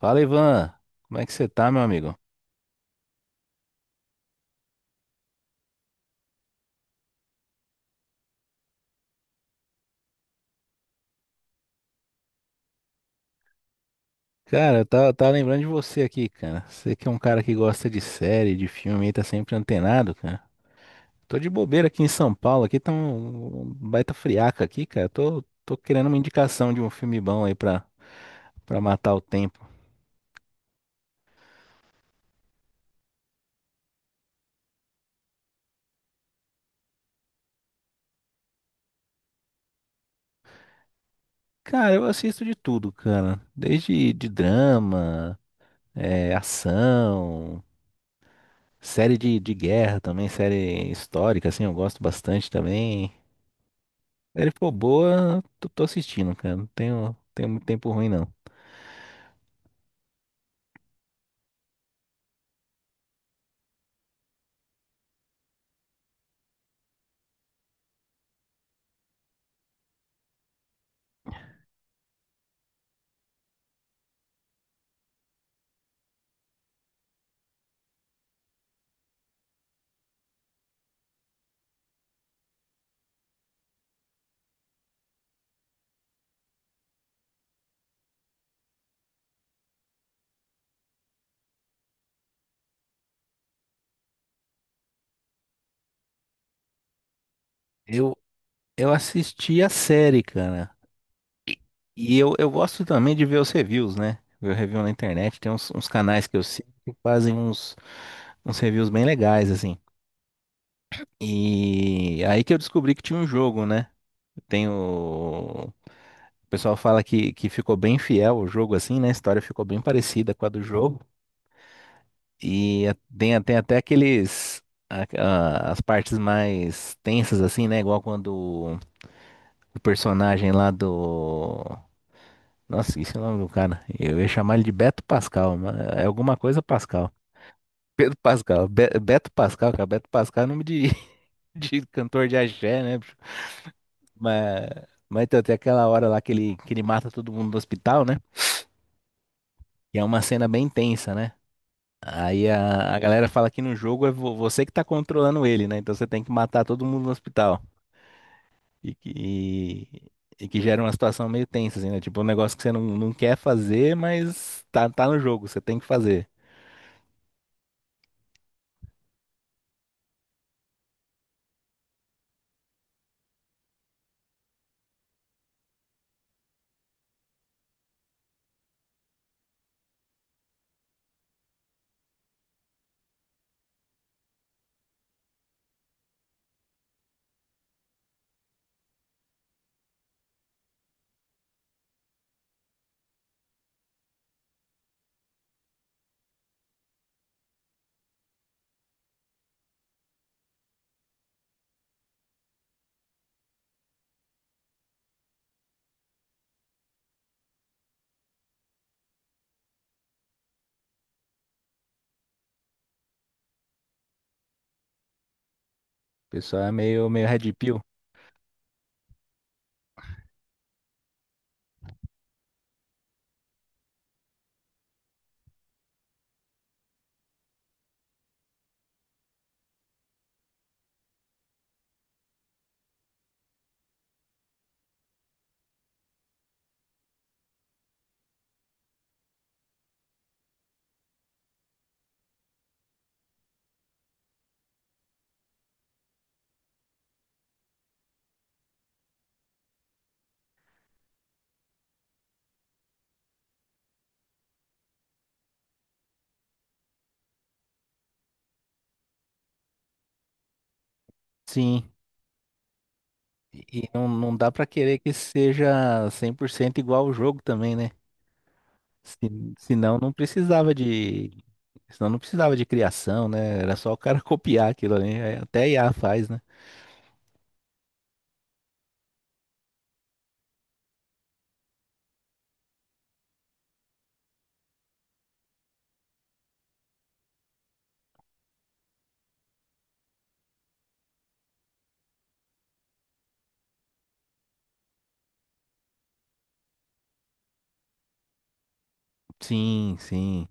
Fala, Ivan. Como é que você tá, meu amigo? Cara, eu tava lembrando de você aqui, cara. Você que é um cara que gosta de série, de filme, aí tá sempre antenado, cara. Tô de bobeira aqui em São Paulo, aqui tá um baita friaca aqui, cara. Tô querendo uma indicação de um filme bom aí pra matar o tempo. Cara, eu assisto de tudo, cara. Desde de drama, ação, série de guerra também, série histórica, assim, eu gosto bastante também. Ele for boa, tô assistindo, cara. Não tenho muito tempo ruim, não. Eu, eu assisti a série, cara. E eu gosto também de ver os reviews, né? Ver o review na internet. Tem uns canais que eu sigo que fazem uns, uns reviews bem legais, assim. E aí que eu descobri que tinha um jogo, né? Tem o. O pessoal fala que ficou bem fiel o jogo, assim, né? A história ficou bem parecida com a do jogo. E tem até aqueles. As partes mais tensas, assim, né? Igual quando o personagem lá do. Nossa, esqueci o nome do cara. Eu ia chamar ele de Beto Pascal, mas é alguma coisa Pascal. Pedro Pascal. Beto Pascal, cara. Beto Pascal é nome de, de cantor de axé, né? Bicho? Mas, mas então, tem aquela hora lá que ele mata todo mundo no hospital, né? E é uma cena bem tensa, né? Aí a galera fala que no jogo é você que tá controlando ele, né? Então você tem que matar todo mundo no hospital. E que gera uma situação meio tensa, assim, né? Tipo, um negócio que você não quer fazer, mas tá no jogo, você tem que fazer. O pessoal é meio red pill. Sim. E não dá pra querer que seja 100% igual ao jogo também, né? Se, senão não precisava de, senão não precisava de criação, né? Era só o cara copiar aquilo ali. Até I a IA faz, né? Sim, sim.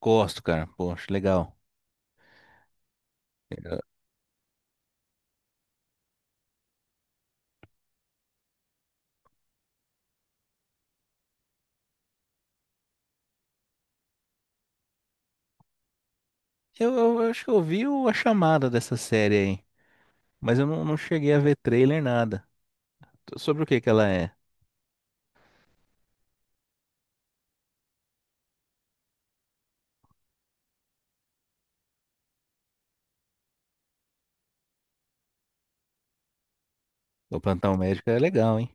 Gosto, cara. Poxa, legal. Eu acho que eu vi a chamada dessa série aí, mas eu não cheguei a ver trailer, nada. Sobre o que que ela é? O Plantão Médico é legal, hein?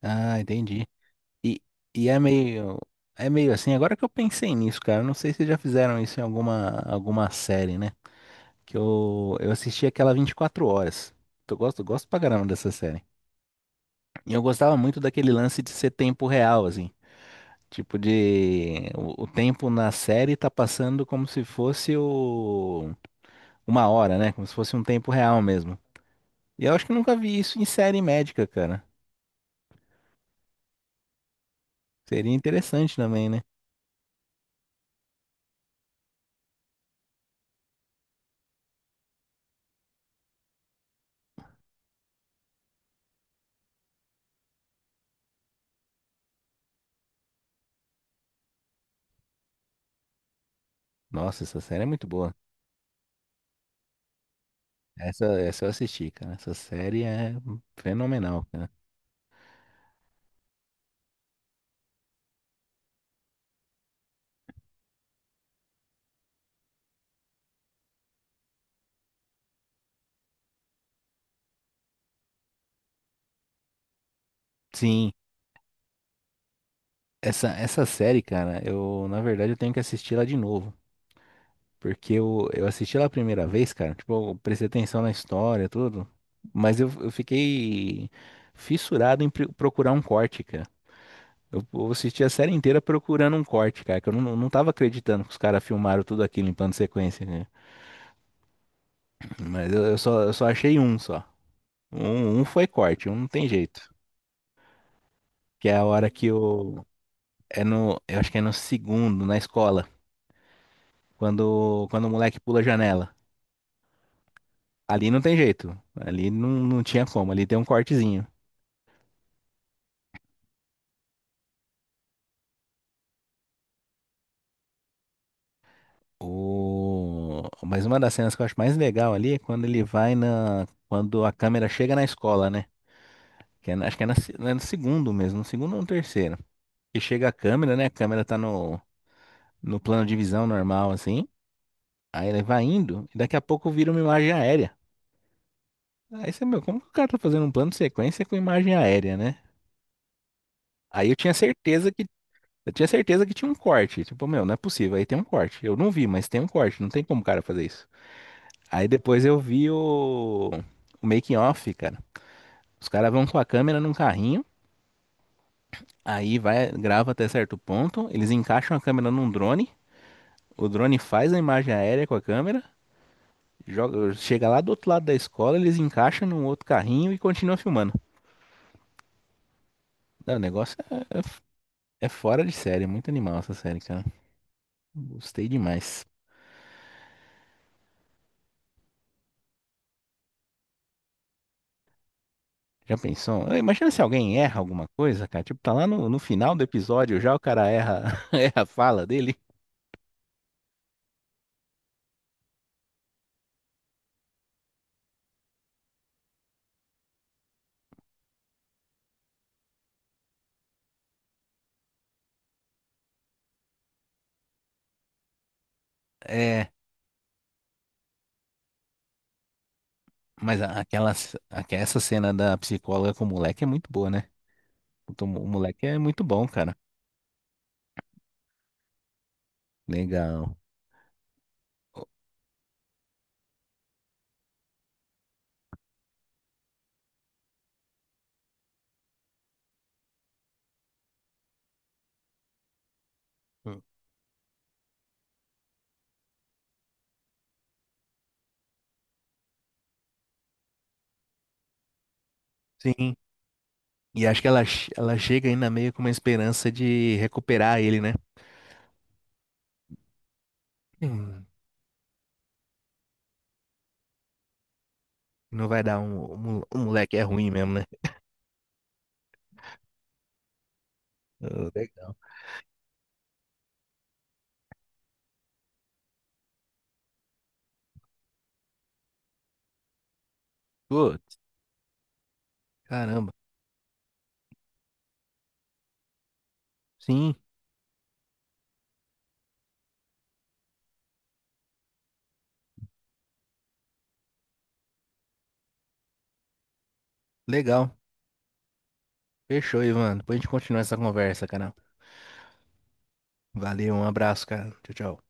Ah, entendi. E, e é meio, é meio assim, agora que eu pensei nisso, cara, não sei se já fizeram isso em alguma, alguma série, né? Que eu assisti aquela 24 horas. Eu gosto pra caramba dessa série. E eu gostava muito daquele lance de ser tempo real, assim. Tipo de. O tempo na série tá passando como se fosse o uma hora, né? Como se fosse um tempo real mesmo. E eu acho que eu nunca vi isso em série médica, cara. Seria interessante também, né? Nossa, essa série é muito boa. Essa eu assisti, cara. Essa série é fenomenal, cara. Sim, essa série, cara, eu, na verdade, eu tenho que assistir ela de novo. Porque eu assisti ela a primeira vez, cara, tipo, eu prestei atenção na história, tudo. Mas eu fiquei fissurado em procurar um corte, cara. Eu assisti a série inteira procurando um corte, cara, que eu não tava acreditando que os caras filmaram tudo aquilo em plano de sequência, né? Mas eu só achei um só. Foi corte, um não tem jeito. Que é a hora que o. É no. Eu acho que é no segundo, na escola. Quando o moleque pula a janela. Ali não tem jeito. Ali não tinha como. Ali tem um cortezinho. O. Mas uma das cenas que eu acho mais legal ali é quando ele vai na. Quando a câmera chega na escola, né? Que é acho que é, na se- é no segundo mesmo, no segundo ou no terceiro. E chega a câmera, né? A câmera tá no plano de visão normal, assim. Aí ele vai indo, e daqui a pouco vira uma imagem aérea. Aí você, meu, como que o cara tá fazendo um plano de sequência com imagem aérea, né? Aí eu tinha certeza que. Eu tinha certeza que tinha um corte. Tipo, meu, não é possível. Aí tem um corte. Eu não vi, mas tem um corte. Não tem como o cara fazer isso. Aí depois eu vi o making off, cara. Os caras vão com a câmera num carrinho, aí vai, grava até certo ponto, eles encaixam a câmera num drone, o drone faz a imagem aérea com a câmera, joga, chega lá do outro lado da escola, eles encaixam num outro carrinho e continuam filmando. Não, o negócio é, é fora de série, é muito animal essa série, cara. Gostei demais. Já pensou? Imagina se alguém erra alguma coisa, cara. Tipo, tá lá no final do episódio já o cara erra, erra a fala dele. É. Mas essa cena da psicóloga com o moleque é muito boa, né? Puta, o o moleque é muito bom, cara. Legal. Hum. Sim. E acho que ela chega ainda meio com uma esperança de recuperar ele, né? Hum, não vai dar o o moleque é ruim mesmo, né? Ah, legal. Putz, caramba. Sim, legal. Fechou, Ivan. Depois a gente continua essa conversa, cara. Valeu, um abraço, cara. Tchau, tchau.